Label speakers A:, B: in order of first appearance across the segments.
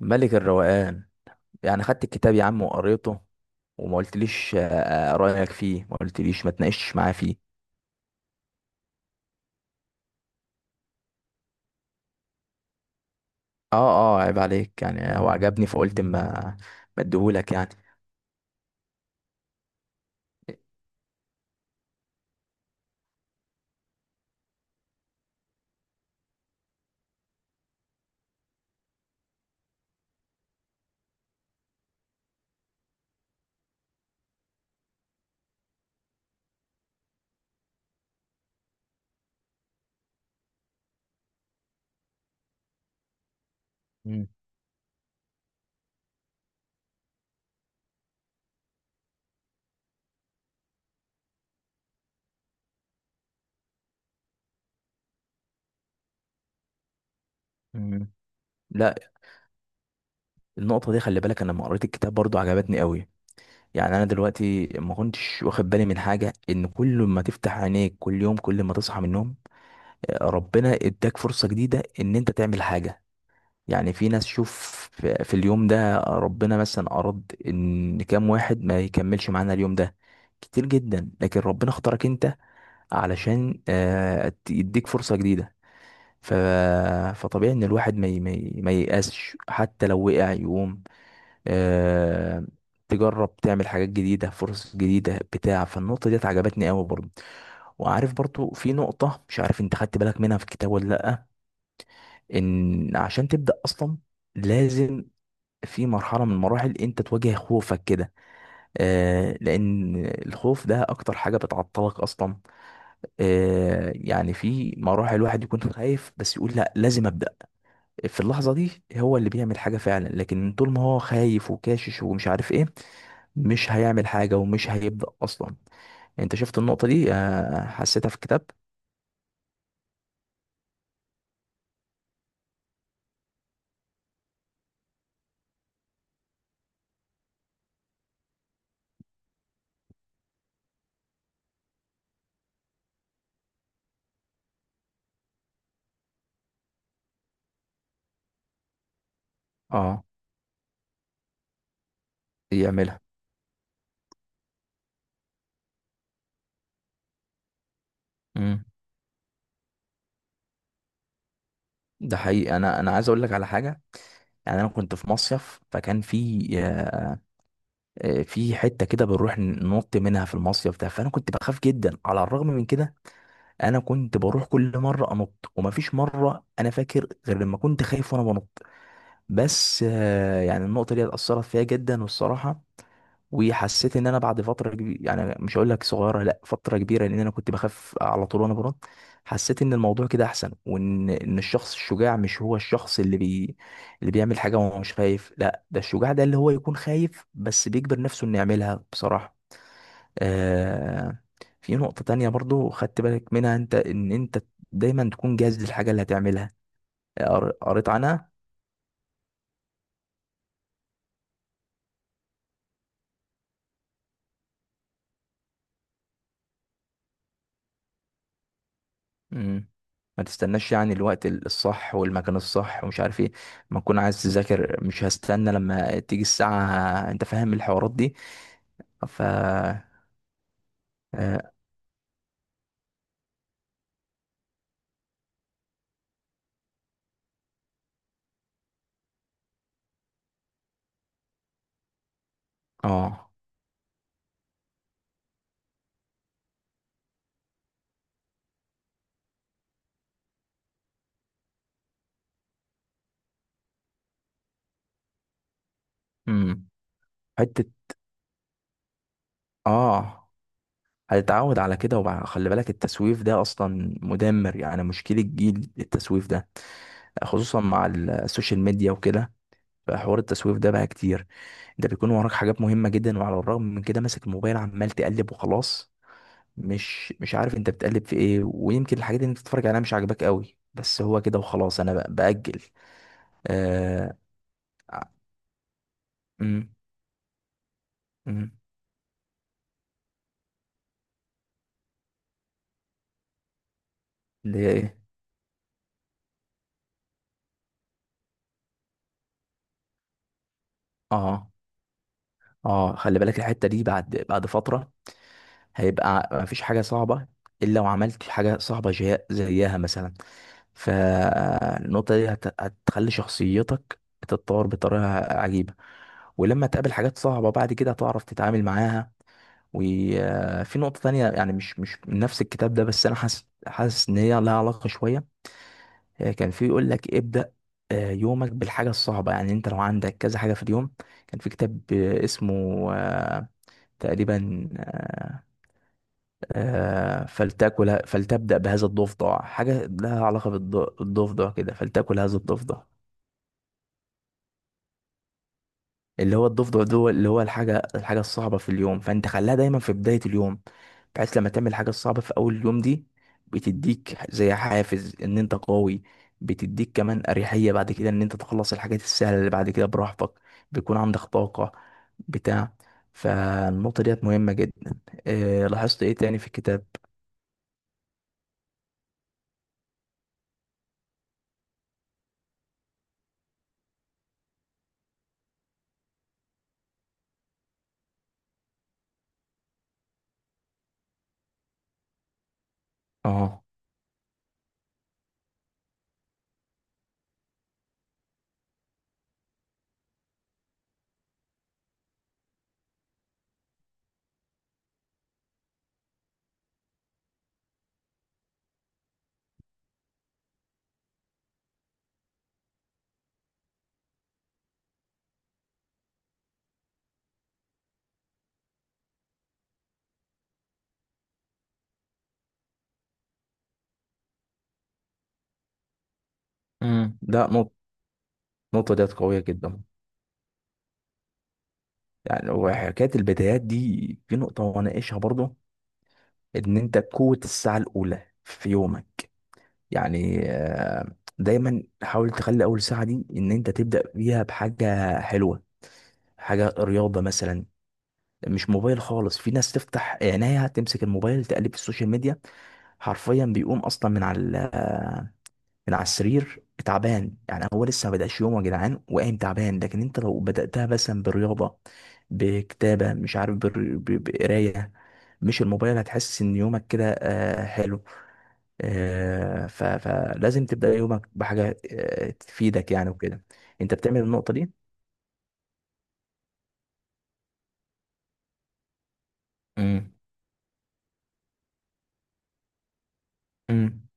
A: ملك الروقان. يعني خدت الكتاب يا عم وقريته وما قلتليش رأيك فيه، ما قلتليش، ما تناقشتش معاه فيه. اه. اه عيب عليك، يعني هو عجبني فقلت ما اديهولك يعني. مم. مم. لا، النقطة دي خلي بالك، انا لما قريت الكتاب برضو عجبتني قوي. يعني انا دلوقتي ما كنتش واخد بالي من حاجة، ان كل ما تفتح عينيك كل يوم، كل ما تصحى من النوم، ربنا اداك فرصة جديدة ان انت تعمل حاجة. يعني في ناس، شوف، في اليوم ده ربنا مثلا أراد إن كام واحد ما يكملش معانا اليوم ده، كتير جدا، لكن ربنا اختارك أنت علشان يديك فرصة جديدة. ف... فطبيعي إن الواحد ما ييأسش، حتى لو وقع يقوم، آه، تجرب تعمل حاجات جديدة، فرص جديدة بتاع. فالنقطة ديت عجبتني قوي برضه. وعارف برضه في نقطة مش عارف انت خدت بالك منها في الكتاب ولا لأ. ان عشان تبدأ اصلا لازم في مرحلة من المراحل انت تواجه خوفك كده. آه، لان الخوف ده اكتر حاجة بتعطلك اصلا. آه يعني في مراحل الواحد يكون خايف بس يقول لا لازم ابدأ. في اللحظة دي هو اللي بيعمل حاجة فعلا، لكن طول ما هو خايف وكاشش ومش عارف ايه مش هيعمل حاجة ومش هيبدأ اصلا. انت شفت النقطة دي؟ آه حسيتها في كتاب. اه. يعملها. امم. ده حقيقي، انا عايز اقول لك على حاجة. يعني انا كنت في مصيف، فكان في في حته كده بنروح ننط منها في المصيف ده، فانا كنت بخاف جدا. على الرغم من كده انا كنت بروح كل مره انط، ومفيش مره انا فاكر غير لما كنت خايف وانا بنط. بس يعني النقطه دي اثرت فيا جدا والصراحه. وحسيت ان انا بعد فتره كبيره، يعني مش هقول لك صغيره، لا فتره كبيره، لان انا كنت بخاف على طول وانا بنط. حسيت ان الموضوع كده احسن، وان ان الشخص الشجاع مش هو الشخص اللي بيعمل حاجه وهو مش خايف. لا ده الشجاع ده اللي هو يكون خايف بس بيجبر نفسه انه يعملها بصراحه. آه. في نقطة تانية برضو خدت بالك منها انت، ان انت دايما تكون جاهز للحاجة اللي هتعملها. قريت عنها. مم. ما تستناش يعني الوقت الصح والمكان الصح ومش عارف ايه. ما تكون عايز تذاكر مش هستنى لما تيجي الساعة، انت فاهم الحوارات دي. ف اه آه. مم. حتة. اه. هتتعود على كده خلي بالك التسويف ده اصلا مدمر. يعني مشكلة جيل التسويف ده خصوصا مع السوشيال ميديا وكده. فحوار التسويف ده بقى كتير. انت بيكون وراك حاجات مهمة جدا، وعلى الرغم من كده ماسك الموبايل عمال تقلب وخلاص. مش عارف انت بتقلب في ايه، ويمكن الحاجات اللي انت بتتفرج عليها مش عاجباك قوي، بس هو كده وخلاص انا بقى بأجل. آه... ع- مم. مم. اللي هي ايه؟ اه. اه خلي بالك الحتة دي بعد فترة هيبقى مفيش حاجة صعبة الا وعملت حاجة صعبة زيها مثلا. فالنقطة دي هتخلي شخصيتك تتطور بطريقة عجيبة، ولما تقابل حاجات صعبة بعد كده هتعرف تتعامل معاها. وفي نقطة تانية يعني مش من نفس الكتاب ده، بس أنا حاسس إن هي لها علاقة شوية. كان في يقول لك ابدأ يومك بالحاجة الصعبة. يعني أنت لو عندك كذا حاجة في اليوم، كان في كتاب اسمه آه، تقريبا آه، آه، فلتاكل، فلتبدأ بهذا الضفدع. حاجة لها علاقة بالضفدع كده، فلتاكل هذا الضفدع. اللي هو الضفدع ده اللي هو الحاجة الصعبة في اليوم، فانت خليها دايما في بداية اليوم. بحيث لما تعمل الحاجة الصعبة في أول اليوم دي، بتديك زي حافز إن أنت قوي، بتديك كمان أريحية بعد كده إن أنت تخلص الحاجات السهلة اللي بعد كده براحتك، بيكون عندك طاقة بتاع. فالنقطة ديت مهمة جدا. إيه لاحظت إيه تاني في الكتاب؟ آه. امم. ده نقطة، النقطة ديت قوية جدا. يعني وحكاية البدايات دي في نقطة وأناقشها برضه، ان انت قوة الساعة الاولى في يومك. يعني دايما حاول تخلي اول ساعة دي ان انت تبدأ بيها بحاجة حلوة، حاجة رياضة مثلا. مش موبايل خالص. في ناس تفتح عينيها تمسك الموبايل تقلب في السوشيال ميديا، حرفيا بيقوم اصلا من على السرير تعبان. يعني هو لسه ما بدأش يومه يا جدعان وقايم تعبان. لكن انت لو بدأتها مثلا برياضة، بكتابة، مش عارف بقراية، مش الموبايل، هتحس ان يومك كده حلو. فلازم تبدأ يومك بحاجة تفيدك يعني وكده. انت بتعمل النقطة دي؟ امم. امم.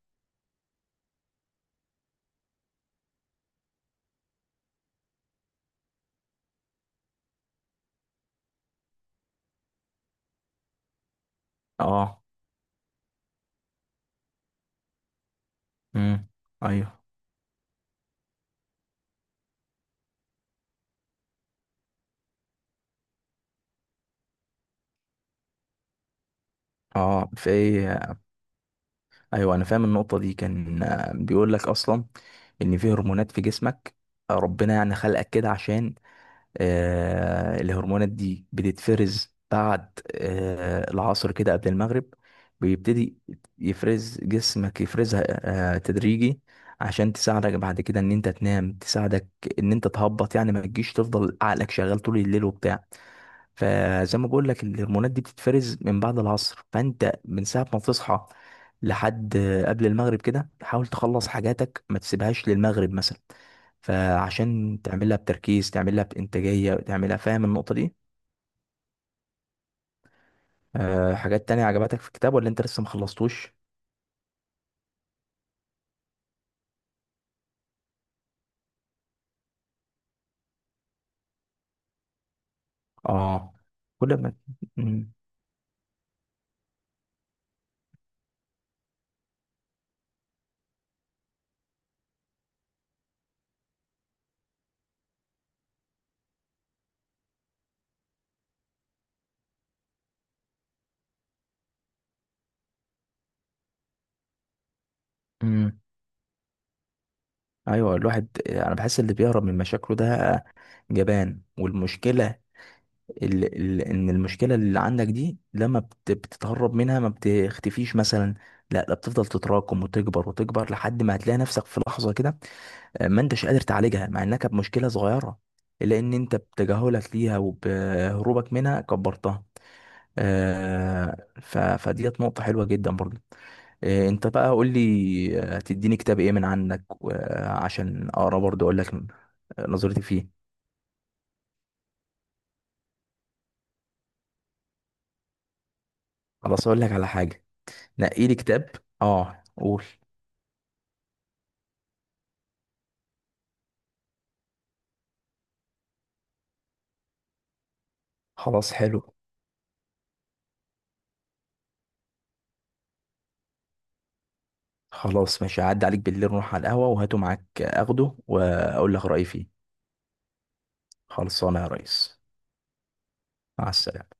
A: اه. امم. ايوه. اه. في. ايوه انا فاهم النقطة دي. كان بيقول لك اصلا ان في هرمونات في جسمك، ربنا يعني خلقك كده عشان الهرمونات دي بتتفرز بعد العصر كده قبل المغرب. بيبتدي يفرز جسمك، يفرزها تدريجي عشان تساعدك بعد كده ان انت تنام، تساعدك ان انت تهبط يعني، ما تجيش تفضل عقلك شغال طول الليل وبتاع. فزي ما بقول لك الهرمونات دي بتتفرز من بعد العصر، فانت من ساعه ما تصحى لحد قبل المغرب كده حاول تخلص حاجاتك، ما تسيبهاش للمغرب مثلا، فعشان تعملها بتركيز، تعملها بانتاجيه، تعملها. فاهم النقطه دي؟ أه حاجات تانية عجبتك في الكتاب ولا انت لسه ما خلصتوش؟ اه. كل ما. مم. مم. ايوه. الواحد انا بحس اللي بيهرب من مشاكله ده جبان. والمشكله، ال ال ان المشكله اللي عندك دي لما بتتهرب منها ما بتختفيش مثلا، لا لا، بتفضل تتراكم وتكبر وتكبر لحد ما هتلاقي نفسك في لحظه كده ما انتش قادر تعالجها، مع انها كانت مشكله صغيره، الا ان انت بتجاهلك ليها وبهروبك منها كبرتها. فديت نقطه حلوه جدا برضو. انت بقى قول لي هتديني كتاب ايه من عندك عشان اقرا برضو اقول لك نظرتي فيه. خلاص اقول لك على حاجه، نقي لي كتاب. اه قول. خلاص حلو. خلاص ماشي، هعدي عليك بالليل نروح على القهوة وهاته معاك اخده واقول لك رأيي فيه. خلصانه يا ريس. مع السلامة.